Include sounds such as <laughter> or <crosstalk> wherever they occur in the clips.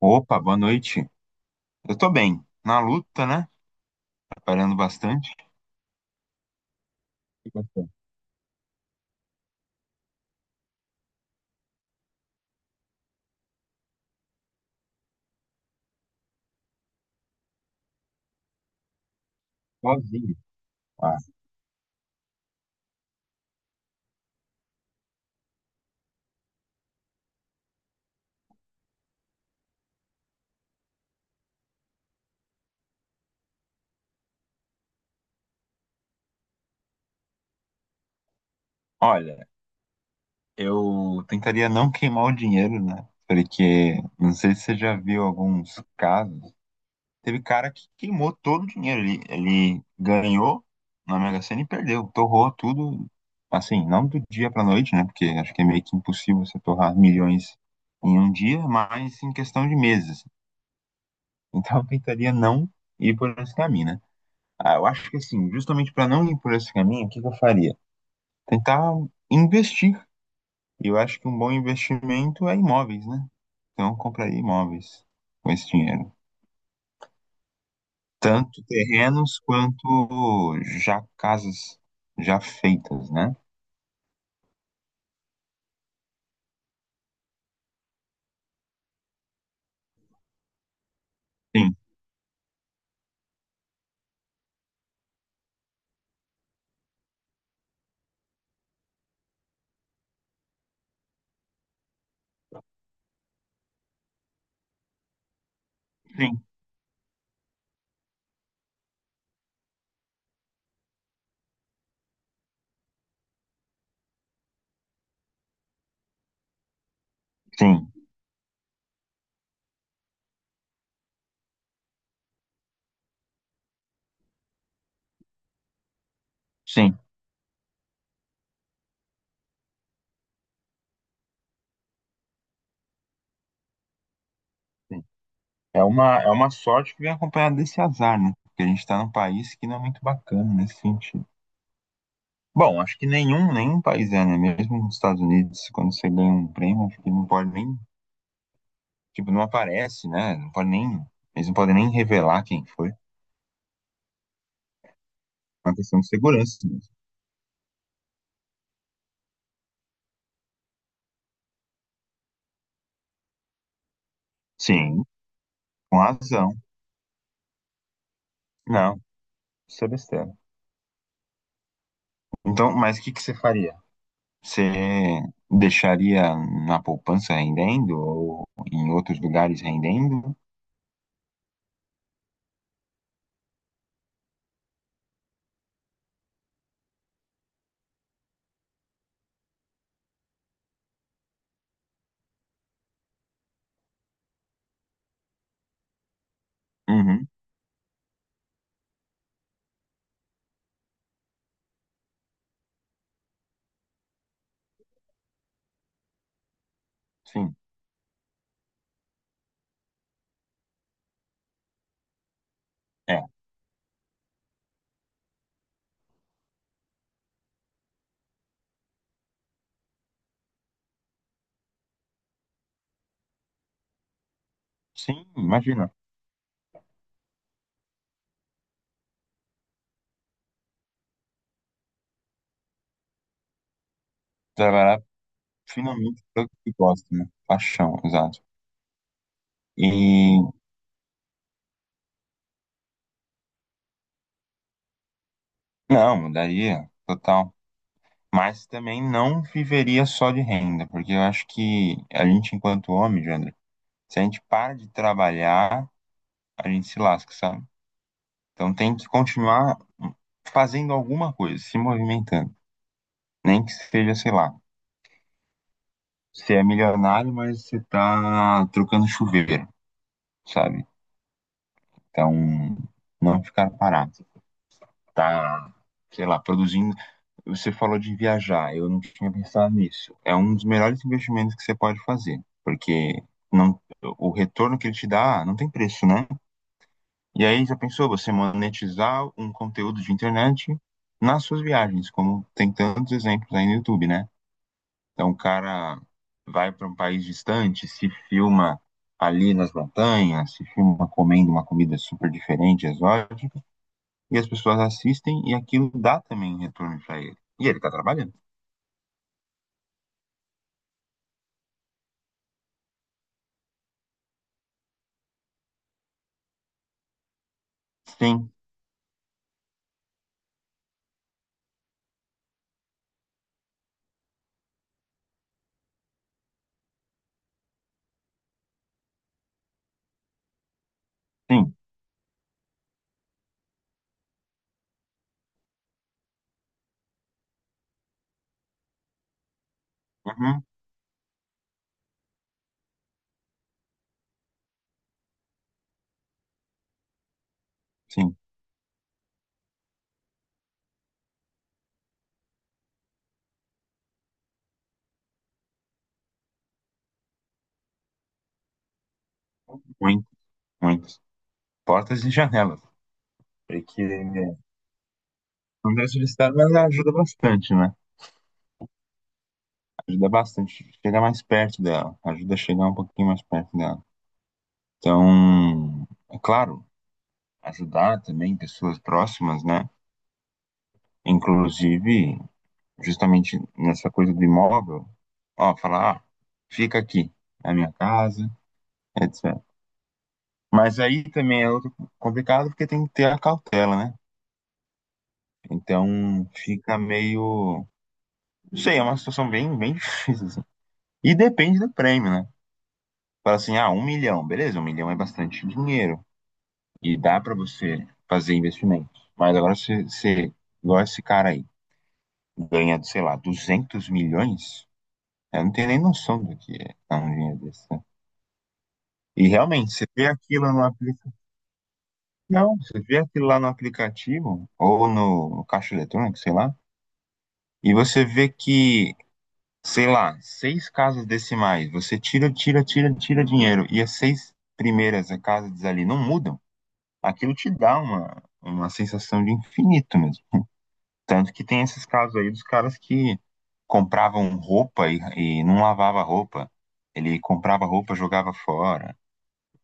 Opa, boa noite. Eu tô bem. Na luta, né? Trabalhando bastante. E você? Sozinho. Ah, olha, eu tentaria não queimar o dinheiro, né? Porque não sei se você já viu alguns casos. Teve cara que queimou todo o dinheiro. Ele ganhou na Mega Sena e perdeu. Torrou tudo, assim, não do dia pra noite, né? Porque acho que é meio que impossível você torrar milhões em um dia, mas em questão de meses. Então eu tentaria não ir por esse caminho, né? Ah, eu acho que assim, justamente para não ir por esse caminho, o que que eu faria? Tentar investir. E eu acho que um bom investimento é imóveis, né? Então, eu compraria imóveis com esse dinheiro. Tanto terrenos quanto já casas já feitas, né? Sim, sim, sim, sim. Sim. É uma sorte que vem acompanhada desse azar, né? Porque a gente está num país que não é muito bacana nesse sentido. Bom, acho que nenhum, nenhum país é, né? Mesmo nos Estados Unidos, quando você ganha um prêmio, acho que não pode nem. Tipo, não aparece, né? Não pode nem, eles não podem nem revelar quem foi. É uma questão de segurança mesmo. Sim, com razão. Não, isso é besteira. Então, mas o que que você faria? Você deixaria na poupança rendendo ou em outros lugares rendendo? Uhum, sim. É, sim, imagina. Trabalhar finalmente pelo que gosta, né? Paixão, exato. E não, mudaria total. Mas também não viveria só de renda, porque eu acho que a gente, enquanto homem, Jandro, se a gente para de trabalhar, a gente se lasca, sabe? Então tem que continuar fazendo alguma coisa, se movimentando. Nem que seja, sei lá, você é milionário, mas você tá trocando chuveiro, sabe? Então, não ficar parado. Tá, sei lá, produzindo. Você falou de viajar, eu não tinha pensado nisso. É um dos melhores investimentos que você pode fazer, porque não, o retorno que ele te dá não tem preço, né? E aí já pensou você monetizar um conteúdo de internet nas suas viagens, como tem tantos exemplos aí no YouTube, né? Então o cara vai para um país distante, se filma ali nas montanhas, se filma comendo uma comida super diferente, exótica, e as pessoas assistem e aquilo dá também retorno para ele. E ele tá trabalhando. Sim, sim. Uhum, sim, muito, muito. Portas e janelas. Porque não deve solicitar, mas ela ajuda bastante, né? Ajuda bastante. Chega mais perto dela. Ajuda a chegar um pouquinho mais perto dela. Então, é claro, ajudar também pessoas próximas, né? Inclusive, justamente nessa coisa do imóvel, ó, falar, ah, fica aqui, na minha casa, etc. Mas aí também é outro complicado porque tem que ter a cautela, né? Então, fica meio. Não sei, é uma situação bem, bem <laughs> difícil, assim. E depende do prêmio, né? Fala assim, ah, um milhão, beleza, um milhão é bastante dinheiro. E dá pra você fazer investimentos. Mas agora se você, igual esse cara aí, ganha, sei lá, 200 milhões, eu não tenho nem noção do que é dar um dinheiro desse, né? E realmente, você vê aquilo no aplicativo. Não, você vê aquilo lá no aplicativo, ou no caixa eletrônico, sei lá, e você vê que sei lá, seis casas decimais, você tira, tira, tira, tira dinheiro, e as seis primeiras casas ali não mudam, aquilo te dá uma sensação de infinito mesmo. <laughs> Tanto que tem esses casos aí dos caras que compravam roupa e não lavava roupa. Ele comprava roupa, jogava fora.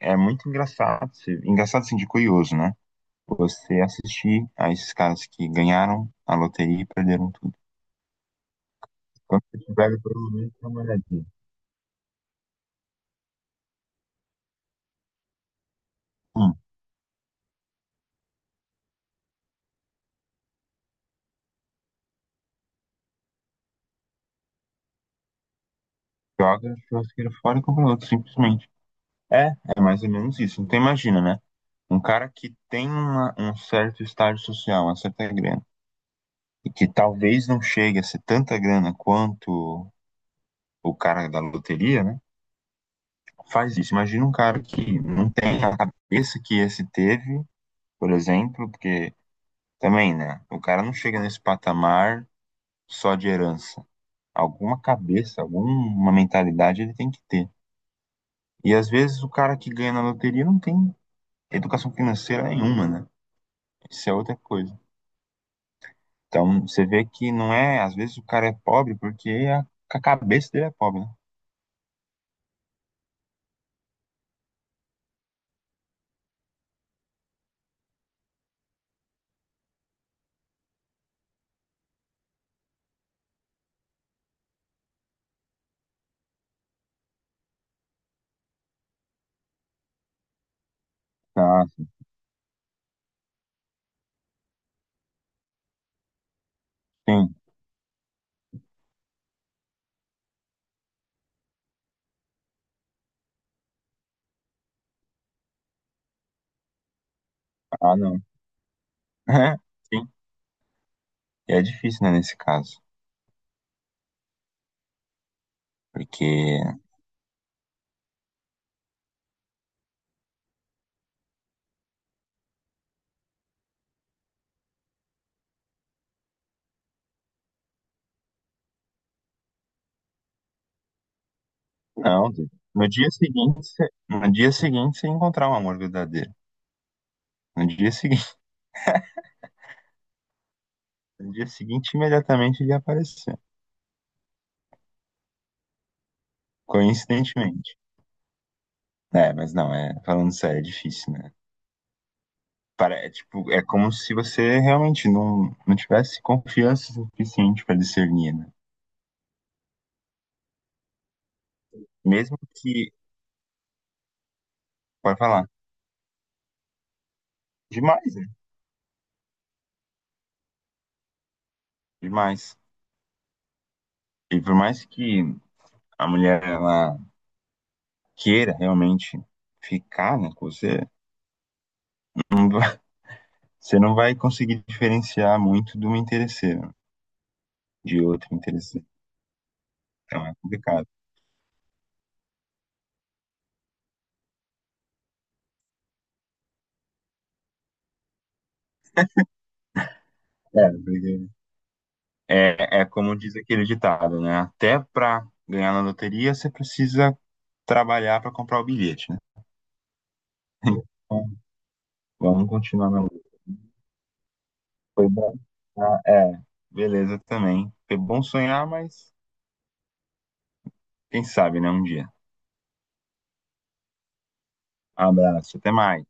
É muito engraçado, se- engraçado assim de curioso, né? Você assistir a esses caras que ganharam a loteria e perderam tudo. Quando você tiver, pelo menos, dá uma olhadinha. Hum. Joga a churrasqueira fora e compra outro, simplesmente. É, é mais ou menos isso. Então imagina, né? Um cara que tem uma- um certo estágio social, uma certa grana, e que talvez não chegue a ser tanta grana quanto o cara da loteria, né? Faz isso. Imagina um cara que não tem a cabeça que esse teve, por exemplo, porque também, né? O cara não chega nesse patamar só de herança. Alguma cabeça, alguma mentalidade ele tem que ter. E às vezes o cara que ganha na loteria não tem educação financeira nenhuma, né? Isso é outra coisa. Então, você vê que não é, às vezes o cara é pobre porque a cabeça dele é pobre, né? Ah, sim. Ah, não. <laughs> Sim. E é difícil, né, nesse caso. Porque, não, no dia seguinte, você- no dia seguinte você encontrar um amor verdadeiro. No dia seguinte, <laughs> no dia seguinte imediatamente ele ia aparecer. Coincidentemente. É, mas não, é, falando sério, é difícil, né? Para, é, tipo, é como se você realmente não tivesse confiança suficiente para discernir, né? Mesmo que, pode falar, demais, né? Demais. E por mais que a mulher ela queira realmente ficar, né, com você, não vai- <laughs> você não vai conseguir diferenciar muito de uma interesseira, de outra interesseira. Então é complicado. É, porque- é, é como diz aquele ditado, né? Até para ganhar na loteria você precisa trabalhar para comprar o bilhete, né? <laughs> Vamos continuar na luta. Foi bom. Ah, é, beleza também. Foi bom sonhar, mas quem sabe, né? Um dia. Abraço, até mais.